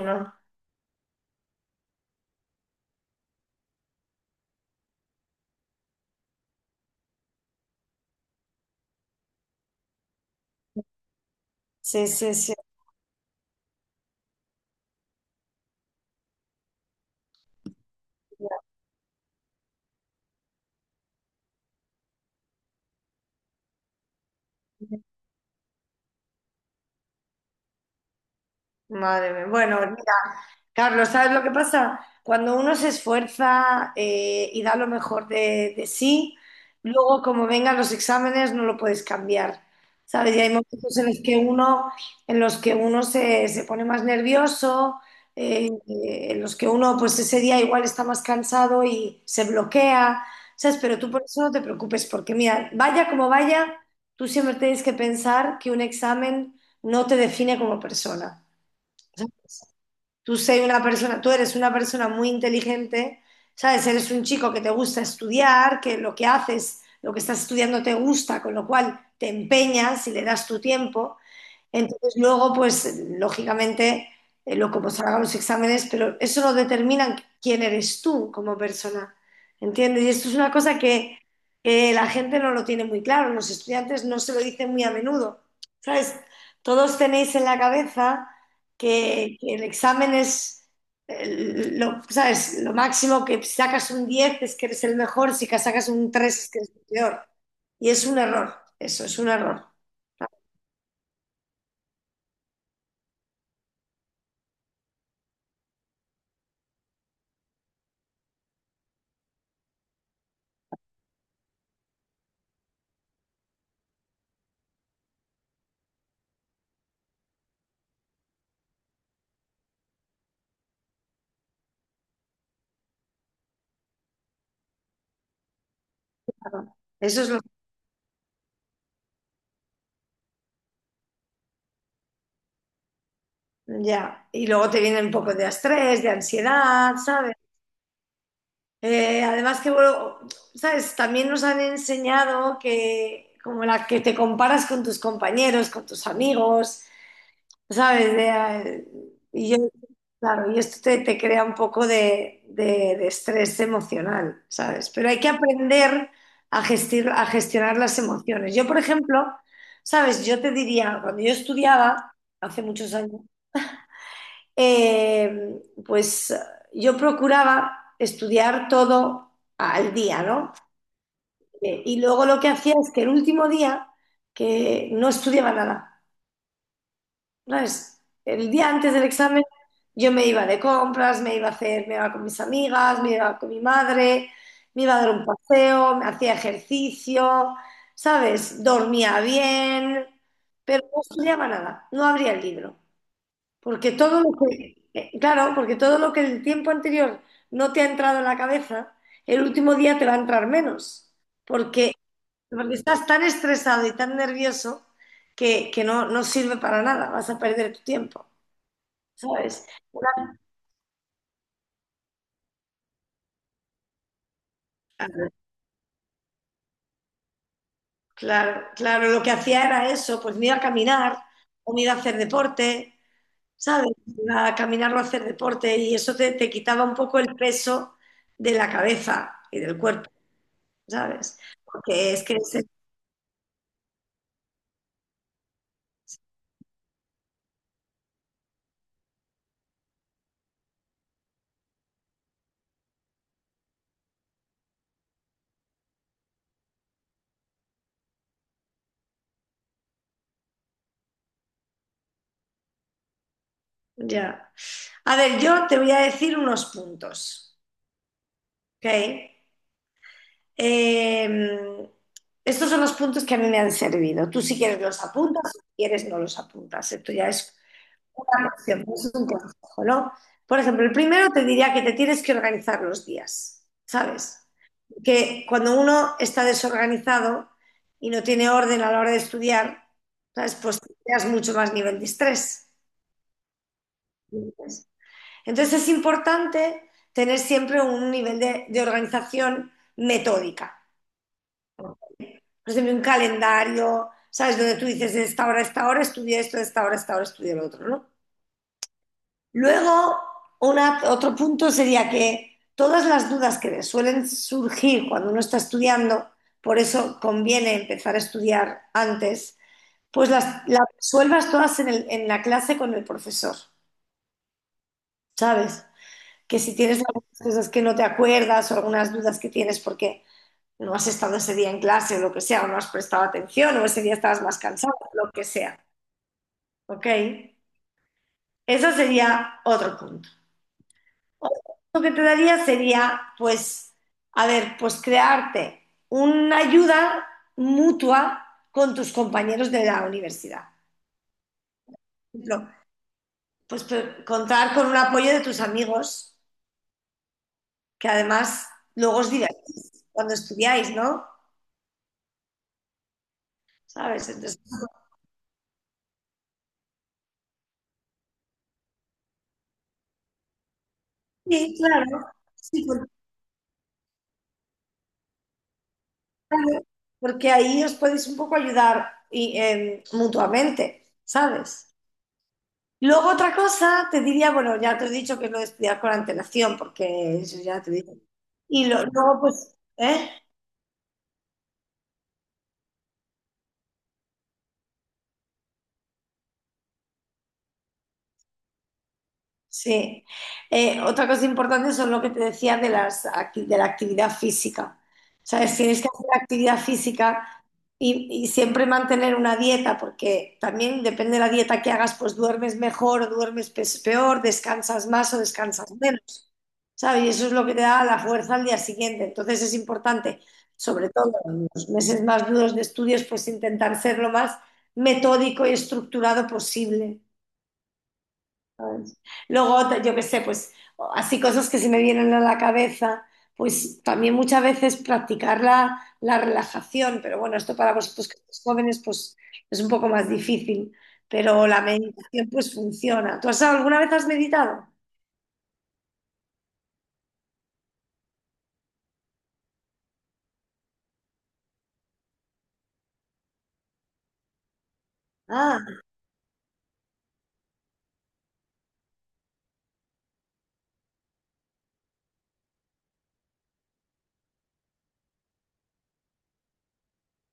No. Sí, sí, sí. Madre mía. Bueno, mira, Carlos, ¿sabes lo que pasa? Cuando uno se esfuerza y da lo mejor de sí, luego como vengan los exámenes no lo puedes cambiar, ¿sabes? Y hay momentos en los que uno, en los que uno se, se pone más nervioso, en los que uno pues ese día igual está más cansado y se bloquea, ¿sabes? Pero tú por eso no te preocupes, porque mira, vaya como vaya, tú siempre tienes que pensar que un examen no te define como persona. Tú sé una persona, tú eres una persona muy inteligente, ¿sabes? Eres un chico que te gusta estudiar, que lo que haces, lo que estás estudiando te gusta, con lo cual te empeñas y le das tu tiempo. Entonces, luego, pues, lógicamente, lo como salgan los exámenes, pero eso no determina quién eres tú como persona, ¿entiendes? Y esto es una cosa que la gente no lo tiene muy claro, los estudiantes no se lo dicen muy a menudo, ¿sabes? Todos tenéis en la cabeza que el examen es, lo, ¿sabes? Lo máximo que si sacas un 10 es que eres el mejor, si que sacas un tres es que eres el peor. Y es un error, eso es un error. Eso es lo. Ya, y luego te viene un poco de estrés, de ansiedad, ¿sabes? Además que, bueno, ¿sabes? También nos han enseñado que como la que te comparas con tus compañeros, con tus amigos, ¿sabes? De, y yo, claro, y esto te, te crea un poco de, de estrés emocional, ¿sabes? Pero hay que aprender a gestionar las emociones. Yo, por ejemplo, ¿sabes? Yo te diría, cuando yo estudiaba, hace muchos años, pues yo procuraba estudiar todo al día, ¿no? Y luego lo que hacía es que el último día, que no estudiaba nada, ¿sabes? El día antes del examen yo me iba de compras, me iba a hacer, me iba con mis amigas, me iba con mi madre, me iba a dar un paseo, me hacía ejercicio, ¿sabes? Dormía bien, pero no estudiaba nada, no abría el libro. Porque todo lo que, claro, porque todo lo que el tiempo anterior no te ha entrado en la cabeza, el último día te va a entrar menos. Porque, porque estás tan estresado y tan nervioso que no, no sirve para nada, vas a perder tu tiempo, ¿sabes? Claro, claro, lo que hacía era eso, pues me iba a caminar o me iba a hacer deporte, ¿sabes? Iba a caminar o a hacer deporte y eso te, te quitaba un poco el peso de la cabeza y del cuerpo, ¿sabes? Porque es que es. Ya. A ver, yo te voy a decir unos puntos, ¿ok? Eh, estos son los puntos que a mí me han servido. Tú si quieres los apuntas, si quieres no los apuntas. Esto ya es una cuestión, no es un consejo, ¿no? Por ejemplo, el primero te diría que te tienes que organizar los días, ¿sabes? Que cuando uno está desorganizado y no tiene orden a la hora de estudiar, ¿sabes? Pues tienes mucho más nivel de estrés. Entonces es importante tener siempre un nivel de organización metódica. Pues sé, un calendario, ¿sabes? Donde tú dices, de esta hora a esta hora estudio esto, de esta hora a esta hora estudio lo otro, ¿no? Luego, otro punto sería que todas las dudas que suelen surgir cuando uno está estudiando, por eso conviene empezar a estudiar antes, pues las resuelvas todas en en la clase con el profesor, ¿sabes? Que si tienes algunas cosas que no te acuerdas o algunas dudas que tienes porque no has estado ese día en clase o lo que sea, o no has prestado atención, o ese día estabas más cansado, lo que sea, ¿ok? Eso sería otro punto. Otro punto que te daría sería, pues, a ver, pues crearte una ayuda mutua con tus compañeros de la universidad. Por ejemplo, pues contar con un apoyo de tus amigos, que además luego os divertís cuando estudiáis, ¿no? ¿Sabes? Entonces, sí, claro. Sí, porque, claro, porque ahí os podéis un poco ayudar y, mutuamente, ¿sabes? Luego otra cosa, te diría, bueno, ya te he dicho que es lo de estudiar con antelación, porque eso ya te digo. Y luego, pues, ¿eh? Sí. Otra cosa importante son lo que te decía de las, de la actividad física. ¿Sabes? Tienes que hacer actividad física y siempre mantener una dieta, porque también depende de la dieta que hagas, pues duermes mejor o duermes peor, descansas más o descansas menos. ¿Sabes? Y eso es lo que te da la fuerza al día siguiente. Entonces es importante, sobre todo en los meses más duros de estudios, pues intentar ser lo más metódico y estructurado posible. Luego, yo qué sé, pues así cosas que se me vienen a la cabeza, pues también muchas veces practicar la, la relajación, pero bueno, esto para vosotros que sois jóvenes pues es un poco más difícil, pero la meditación pues funciona. ¿Tú has, alguna vez has meditado? Ah,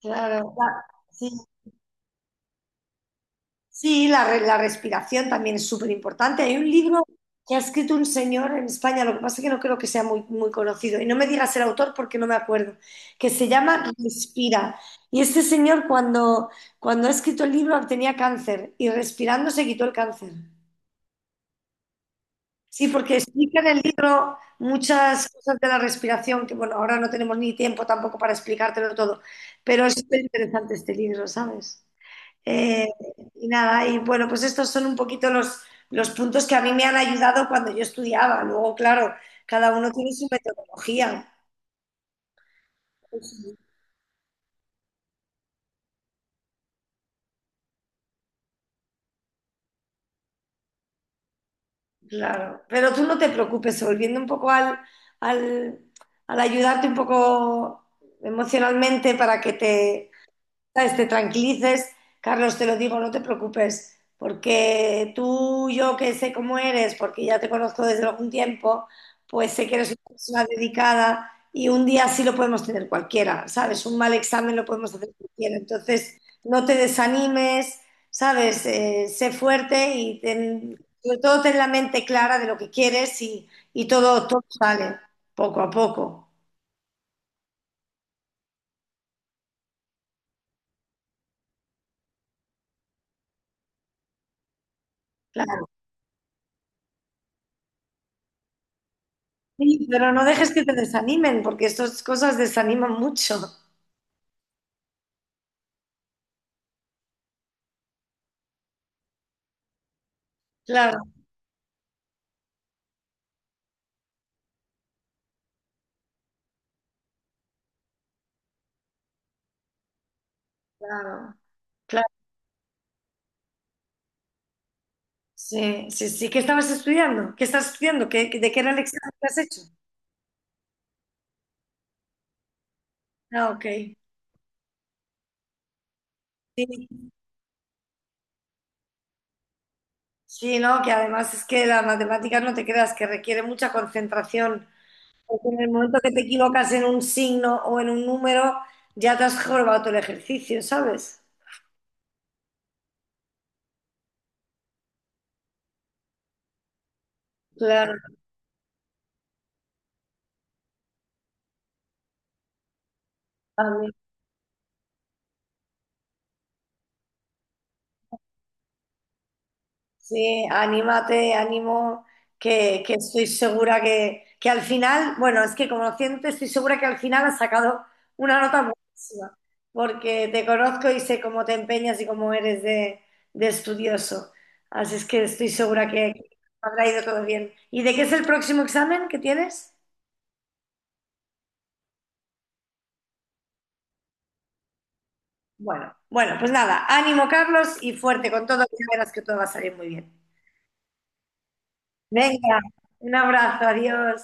claro, claro. Sí, la, la respiración también es súper importante. Hay un libro que ha escrito un señor en España, lo que pasa es que no creo que sea muy, muy conocido. Y no me digas el autor porque no me acuerdo, que se llama Respira. Y este señor cuando, cuando ha escrito el libro tenía cáncer y respirando se quitó el cáncer. Sí, porque explica en el libro muchas cosas de la respiración, que bueno, ahora no tenemos ni tiempo tampoco para explicártelo todo, pero es súper interesante este libro, ¿sabes? Eh, y nada, y bueno, pues estos son un poquito los puntos que a mí me han ayudado cuando yo estudiaba. Luego, claro, cada uno tiene su metodología. Sí. Claro, pero tú no te preocupes, volviendo un poco al, al, al ayudarte un poco emocionalmente para que te, ¿sabes? Te tranquilices, Carlos, te lo digo, no te preocupes, porque tú, yo que sé cómo eres, porque ya te conozco desde algún tiempo, pues sé que eres una persona dedicada y un día sí lo podemos tener cualquiera, ¿sabes? Un mal examen lo podemos hacer cualquiera. Entonces, no te desanimes, ¿sabes? Sé fuerte y sobre todo ten la mente clara de lo que quieres y todo, todo sale poco a poco. Claro. Sí, pero no dejes que te desanimen, porque estas cosas desaniman mucho. Claro, claro, claro. Sí, sí, sí. ¿Qué estabas estudiando? ¿Qué estás estudiando? ¿Qué, de qué era el examen que has hecho? Ah, ok. Sí, sí, no, que además es que las matemáticas no te creas, que requiere mucha concentración. Porque en el momento que te equivocas en un signo o en un número, ya te has jorobado todo el ejercicio, ¿sabes? Claro, sí, anímate, ánimo, que estoy segura que al final, bueno, es que conociéndote, estoy segura que al final has sacado una nota buenísima, porque te conozco y sé cómo te empeñas y cómo eres de estudioso. Así es que estoy segura que habrá ido todo bien. ¿Y de qué es el próximo examen que tienes? Bueno, bueno, pues nada, ánimo, Carlos, y fuerte con todo, que ya verás que todo va a salir muy bien. Venga, un abrazo, adiós.